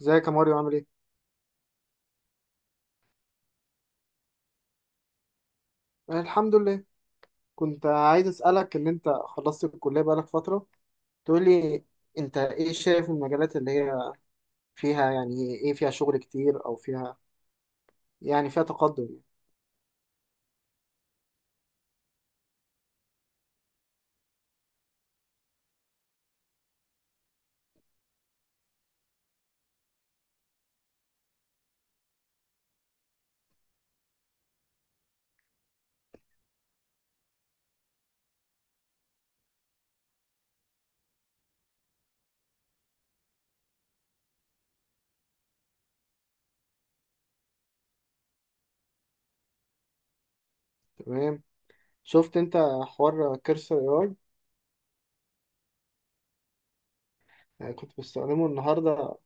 ازيك يا ماريو عامل ايه؟ أنا الحمد لله. كنت عايز اسألك ان انت خلصت الكلية بقالك فترة، تقول لي انت ايه شايف المجالات اللي هي فيها، يعني ايه فيها شغل كتير او فيها يعني فيها تقدم يعني. تمام. شفت انت حوار كرسر؟ اي اي آه، كنت بستخدمه النهاردة.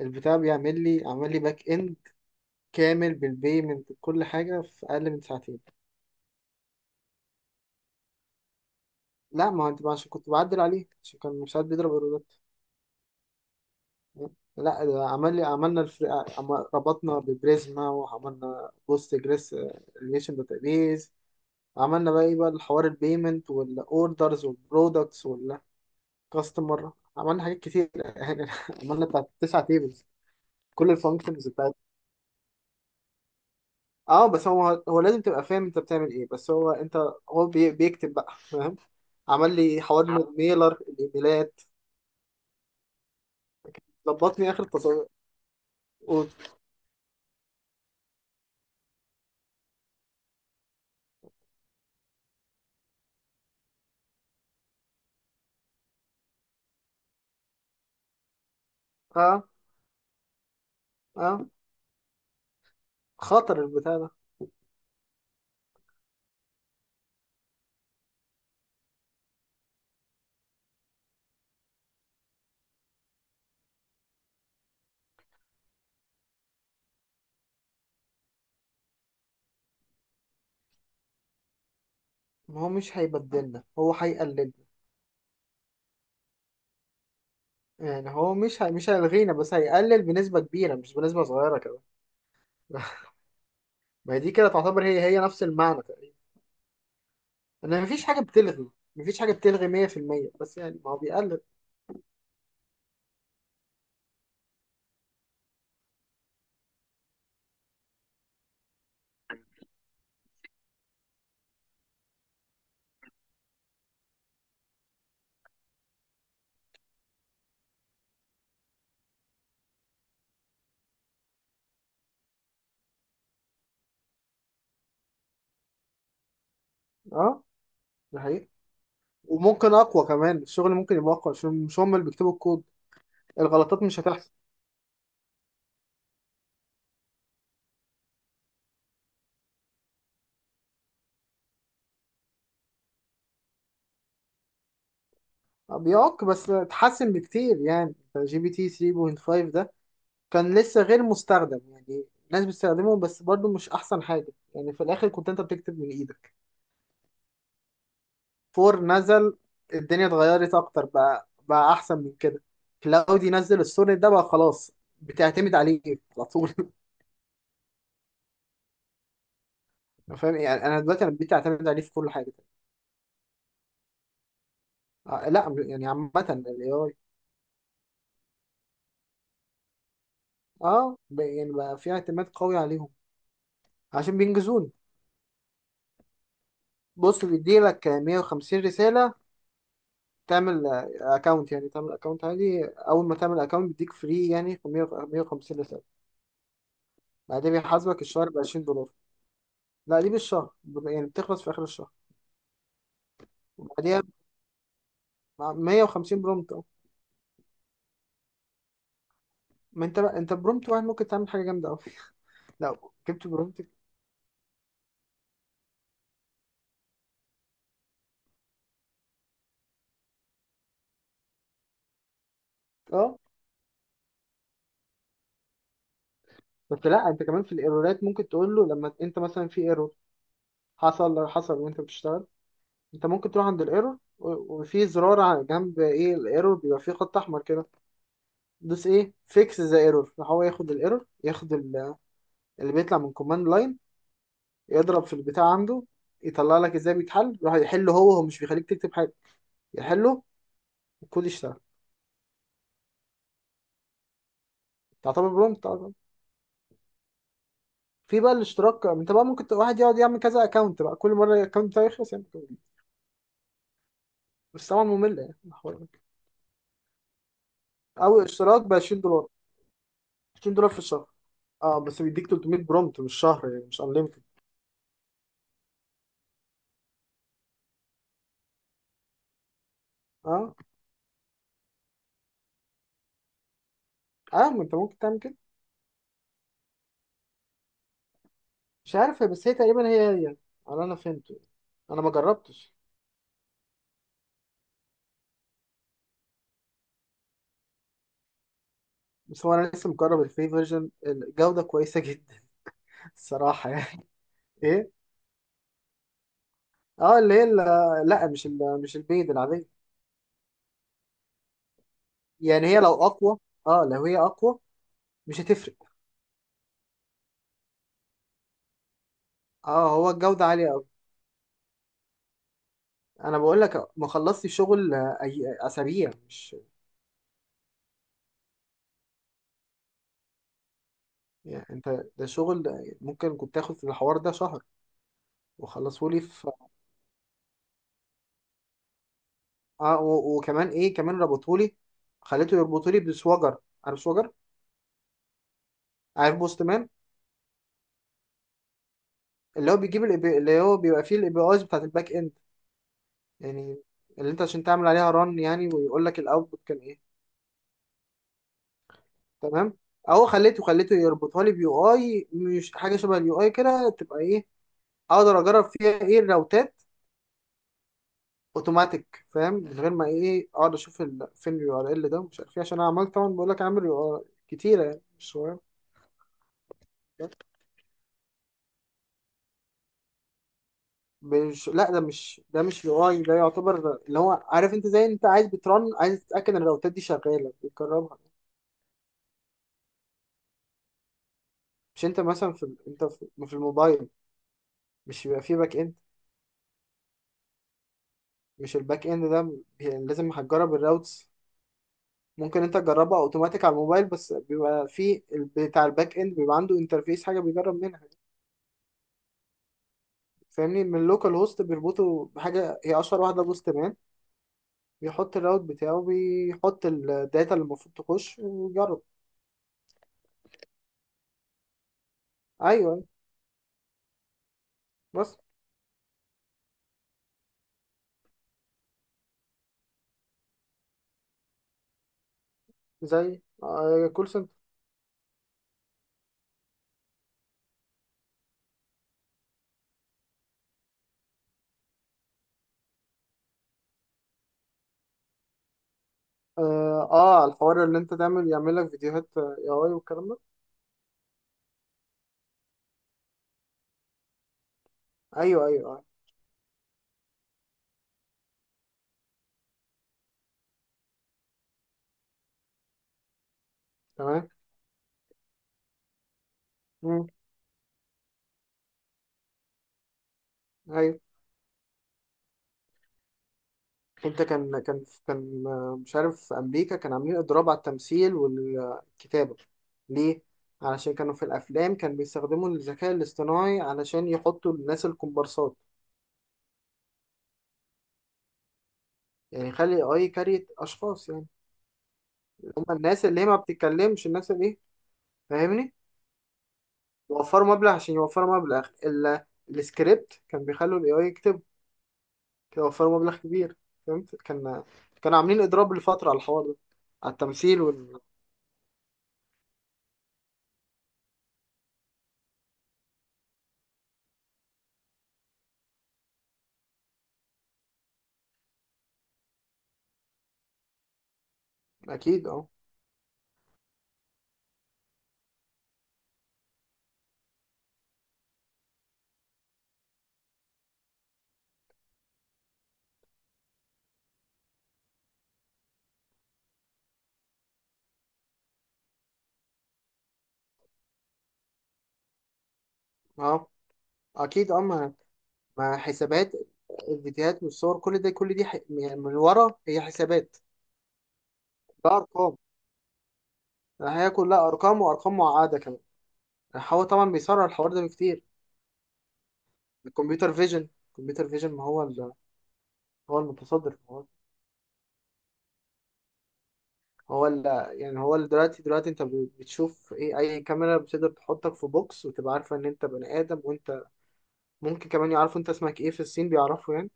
البتاع بيعمل لي عمل لي باك اند كامل بالبيمنت بكل حاجة في اقل من ساعتين. لا، ما هو انت عشان كنت بعدل عليه عشان كان مش عارف بيضرب ايرورات. لا ده عمل لي، ربطنا ببريزما وعملنا بوست جريس ريليشن داتابيز. عملنا بقى ايه بقى الحوار، البيمنت والاوردرز والبرودكتس والكاستمر، عملنا حاجات كتير يعني عملنا بتاع تسع تيبلز. كل الفانكشنز بتاعت، اه بس هو لازم تبقى فاهم انت بتعمل ايه، بس هو انت هو بي... بيكتب بقى فاهم. عمل لي حوار ميلر الايميلات، ظبطني اخر تصور. اه. اه، خطر البتاع ده. ما هو مش هيبدلنا، هو هيقللنا. يعني هو مش هي... مش هيلغينا بس هيقلل بنسبة كبيرة مش بنسبة صغيرة كده. ما هي دي كده تعتبر هي نفس المعنى تقريبا، ان مفيش حاجة بتلغي، مفيش حاجة بتلغي 100%، بس يعني ما هو بيقلل. اه، ده حقيقي. وممكن اقوى كمان، الشغل ممكن يبقى اقوى عشان مش هم اللي بيكتبوا الكود، الغلطات مش هتحصل. بيعك بس اتحسن بكتير يعني. جي بي تي 3.5 ده كان لسه غير مستخدم، يعني الناس بتستخدمه بس برضه مش احسن حاجة، يعني في الاخر كنت انت بتكتب من ايدك. فور نزل، الدنيا اتغيرت اكتر، بقى احسن من كده. كلاودي نزل السونيت ده بقى خلاص، بتعتمد عليه على طول. فاهم يعني، انا دلوقتي بقيت اعتمد عليه في كل حاجه. آه لا، يعني عامه الاي اي. يعني بقى في اعتماد قوي عليهم عشان بينجزون. بص، بيديلك 150 رساله. تعمل اكونت، يعني تعمل اكونت عادي، اول ما تعمل اكونت بيديك فري يعني، في 100، 150 رساله. بعدين بيحاسبك الشهر ب 20$. لا دي بالشهر، يعني بتخلص في اخر الشهر. وبعديها، مع 150 برومت اه. ما انت بقى، انت برومت واحد ممكن تعمل حاجه جامده قوي. لو جبت برومت. اه بس لا، انت كمان في الايرورات ممكن تقول له. لما انت مثلا في ايرور، حصل وانت بتشتغل، انت ممكن تروح عند الايرور وفي زرار على جنب، ايه الايرور بيبقى فيه خط احمر كده، دوس ايه فيكس ذا ايرور. فهو ياخد الايرور، ياخد اللي بيطلع من كوماند لاين، يضرب في البتاع عنده، يطلع لك ازاي بيتحل، يروح يحله. هو مش بيخليك تكتب حاجه، يحله والكود يشتغل. تعتبر برومت. في بقى الاشتراك، انت بقى ممكن واحد يقعد يعمل كذا اكونت بقى، كل مره الاكونت بتاعه يخلص يعمل account. بس طبعا ممله يعني الحوار ده. او اشتراك ب 20$. 20$ في الشهر، اه بس بيديك 300 برومت مش شهر، يعني مش انليمتد. اه. اه، ما انت ممكن تعمل كده. مش عارف بس هي تقريبا هي يعني، على انا فهمته يعني. انا ما جربتش. بس هو انا لسه مجرب الفري فيرجن، الجوده كويسه جدا. الصراحه يعني. ايه؟ اه اللي هي لا مش البيض العاديه. يعني هي لو اقوى، اه لو هي اقوى مش هتفرق. اه، هو الجودة عالية قوي. انا بقول لك ما خلصتش شغل أي اسابيع مش، يعني انت ده شغل ممكن كنت تاخد في الحوار ده شهر وخلصه لي في. اه وكمان ايه، كمان ربطوا لي، خليته يربطوا لي بسوجر. عارف سوجر؟ عارف بوستمان؟ اللي هو بيجيب ال API، اللي هو بيبقى فيه الاي بي ايز بتاعت الباك اند يعني، اللي انت عشان تعمل عليها ران يعني، ويقول لك الاوتبوت كان ايه. تمام. اهو خليته يربطها لي بيو اي، مش حاجه شبه اليو اي كده تبقى ايه، اقدر اجرب فيها ايه الراوتات اوتوماتيك، فاهم، من غير ما ايه اقعد اشوف فين اليو ار ال ده ومش عارف ايه، عشان انا عملت طبعا، بقول لك عامل يو ار كتيره يعني مش صغير. مش لا ده مش ده مش يو اي، ده يعتبر اللي هو، عارف انت، زي انت عايز بترن، عايز تتاكد ان الراوتات دي شغاله بتجربها. مش انت مثلا في انت في الموبايل، مش بيبقى فيه باك اند؟ مش الباك اند ده بي- لازم هتجرب الراوتس. ممكن انت تجربها اوتوماتيك على الموبايل، بس بيبقى فيه بتاع الباك اند بيبقى عنده انترفيس حاجه بيجرب منها، فاهمني، من اللوكال هوست بيربطه بحاجة هي أشهر واحدة بوست مان، بيحط الراوت بتاعه، بيحط الداتا اللي المفروض تخش ويجرب. أيوه أيوة. بس زي كول سنتر. الحوار اللي أنت تعمل، يعمل لك فيديوهات اي، أي والكلام ده. أيوه أيوه أيوه. تمام. مم، أيوه. أنت كان كان كان آه، مش عارف، في أمريكا كان عاملين إضراب على التمثيل والكتابة. ليه؟ علشان كانوا في الأفلام كانوا بيستخدموا الذكاء الاصطناعي علشان يحطوا الناس الكومبارسات، يعني يخلي اي كارية اشخاص يعني، هم الناس اللي هي ما بتتكلمش الناس اللي ايه، فاهمني. وفروا مبلغ، عشان يوفروا مبلغ السكريبت كان بيخلوا الاي اي يكتب. كان وفروا مبلغ كبير. فهمت؟ كان كانوا عاملين اضراب لفترة على الحوار ده، على التمثيل اكيد اه. اه اكيد اه، ما حسابات الفيديوهات والصور، كل ده كل دي يعني من ورا هي حسابات. ده ارقام، هي كلها ارقام وارقام معقدة كمان. هو طبعا بيسرع الحوار ده بكتير. الكمبيوتر فيجن ما هو هو المتصدر هو، هو يعني هو دلوقتي بتشوف ايه، اي كاميرا بتقدر تحطك في بوكس وتبقى عارفه ان انت بني ادم، وانت ممكن كمان يعرفوا انت اسمك ايه، في الصين بيعرفوا يعني.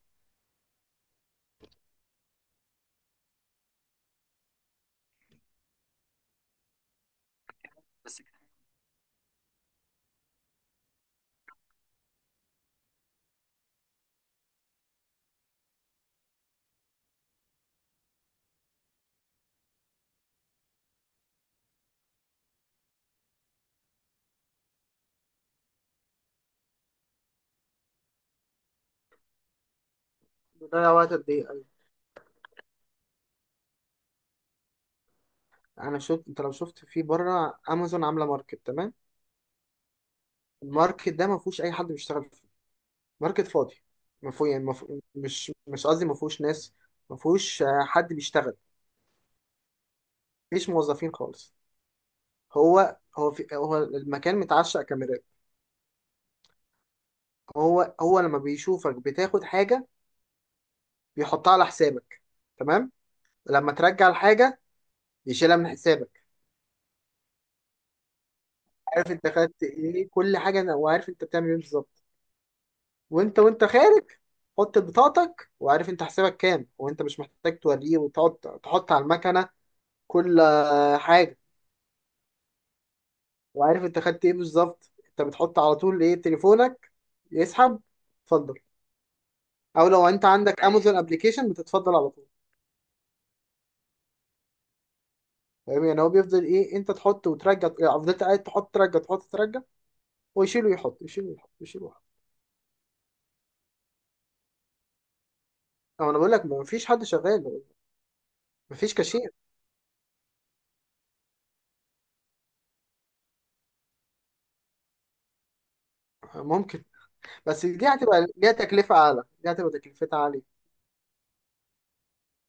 بس كده بيضيع وقت قد ايه أوي. انا شفت، انت لو شفت في بره امازون عامله ماركت. تمام. الماركت ده ما فيهوش اي حد بيشتغل فيه، ماركت فاضي. ما فيه يعني ما فيه مش مش قصدي ما فيهوش ناس، ما فيهوش حد بيشتغل. مفيش موظفين خالص. هو المكان متعشق كاميرات. هو لما بيشوفك بتاخد حاجة بيحطها على حسابك. تمام. لما ترجع الحاجة يشيلها من حسابك. عارف انت خدت ايه، كل حاجة. وعارف انت بتعمل ايه بالظبط. وانت خارج، حط بطاقتك. وعارف انت حسابك كام، وانت مش محتاج توريه وتقعد تحط على المكنة كل حاجة. وعارف انت خدت ايه بالظبط. انت بتحط على طول ايه تليفونك، يسحب، اتفضل. او لو انت عندك امازون ابلكيشن، بتتفضل على طول. فاهم يعني، هو بيفضل ايه، انت تحط وترجع، يعني فضلت قاعد تحط ترجع تحط ترجع، ويشيل ويحط يشيل ويحط يشيل ويحط. او انا بقول لك ما فيش حد شغال، ما فيش كاشير. ممكن، بس دي هتبقى ليها تكلفة اعلى، دي هتبقى تكلفتها عالية.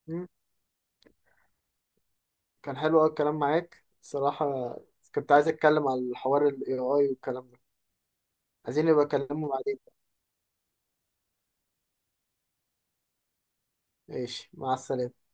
مم. كان حلو قوي الكلام معاك الصراحة. كنت عايز اتكلم على الحوار الاي اي والكلام ده. عايزين نبقى اكلمه بعدين. ماشي، مع السلامة.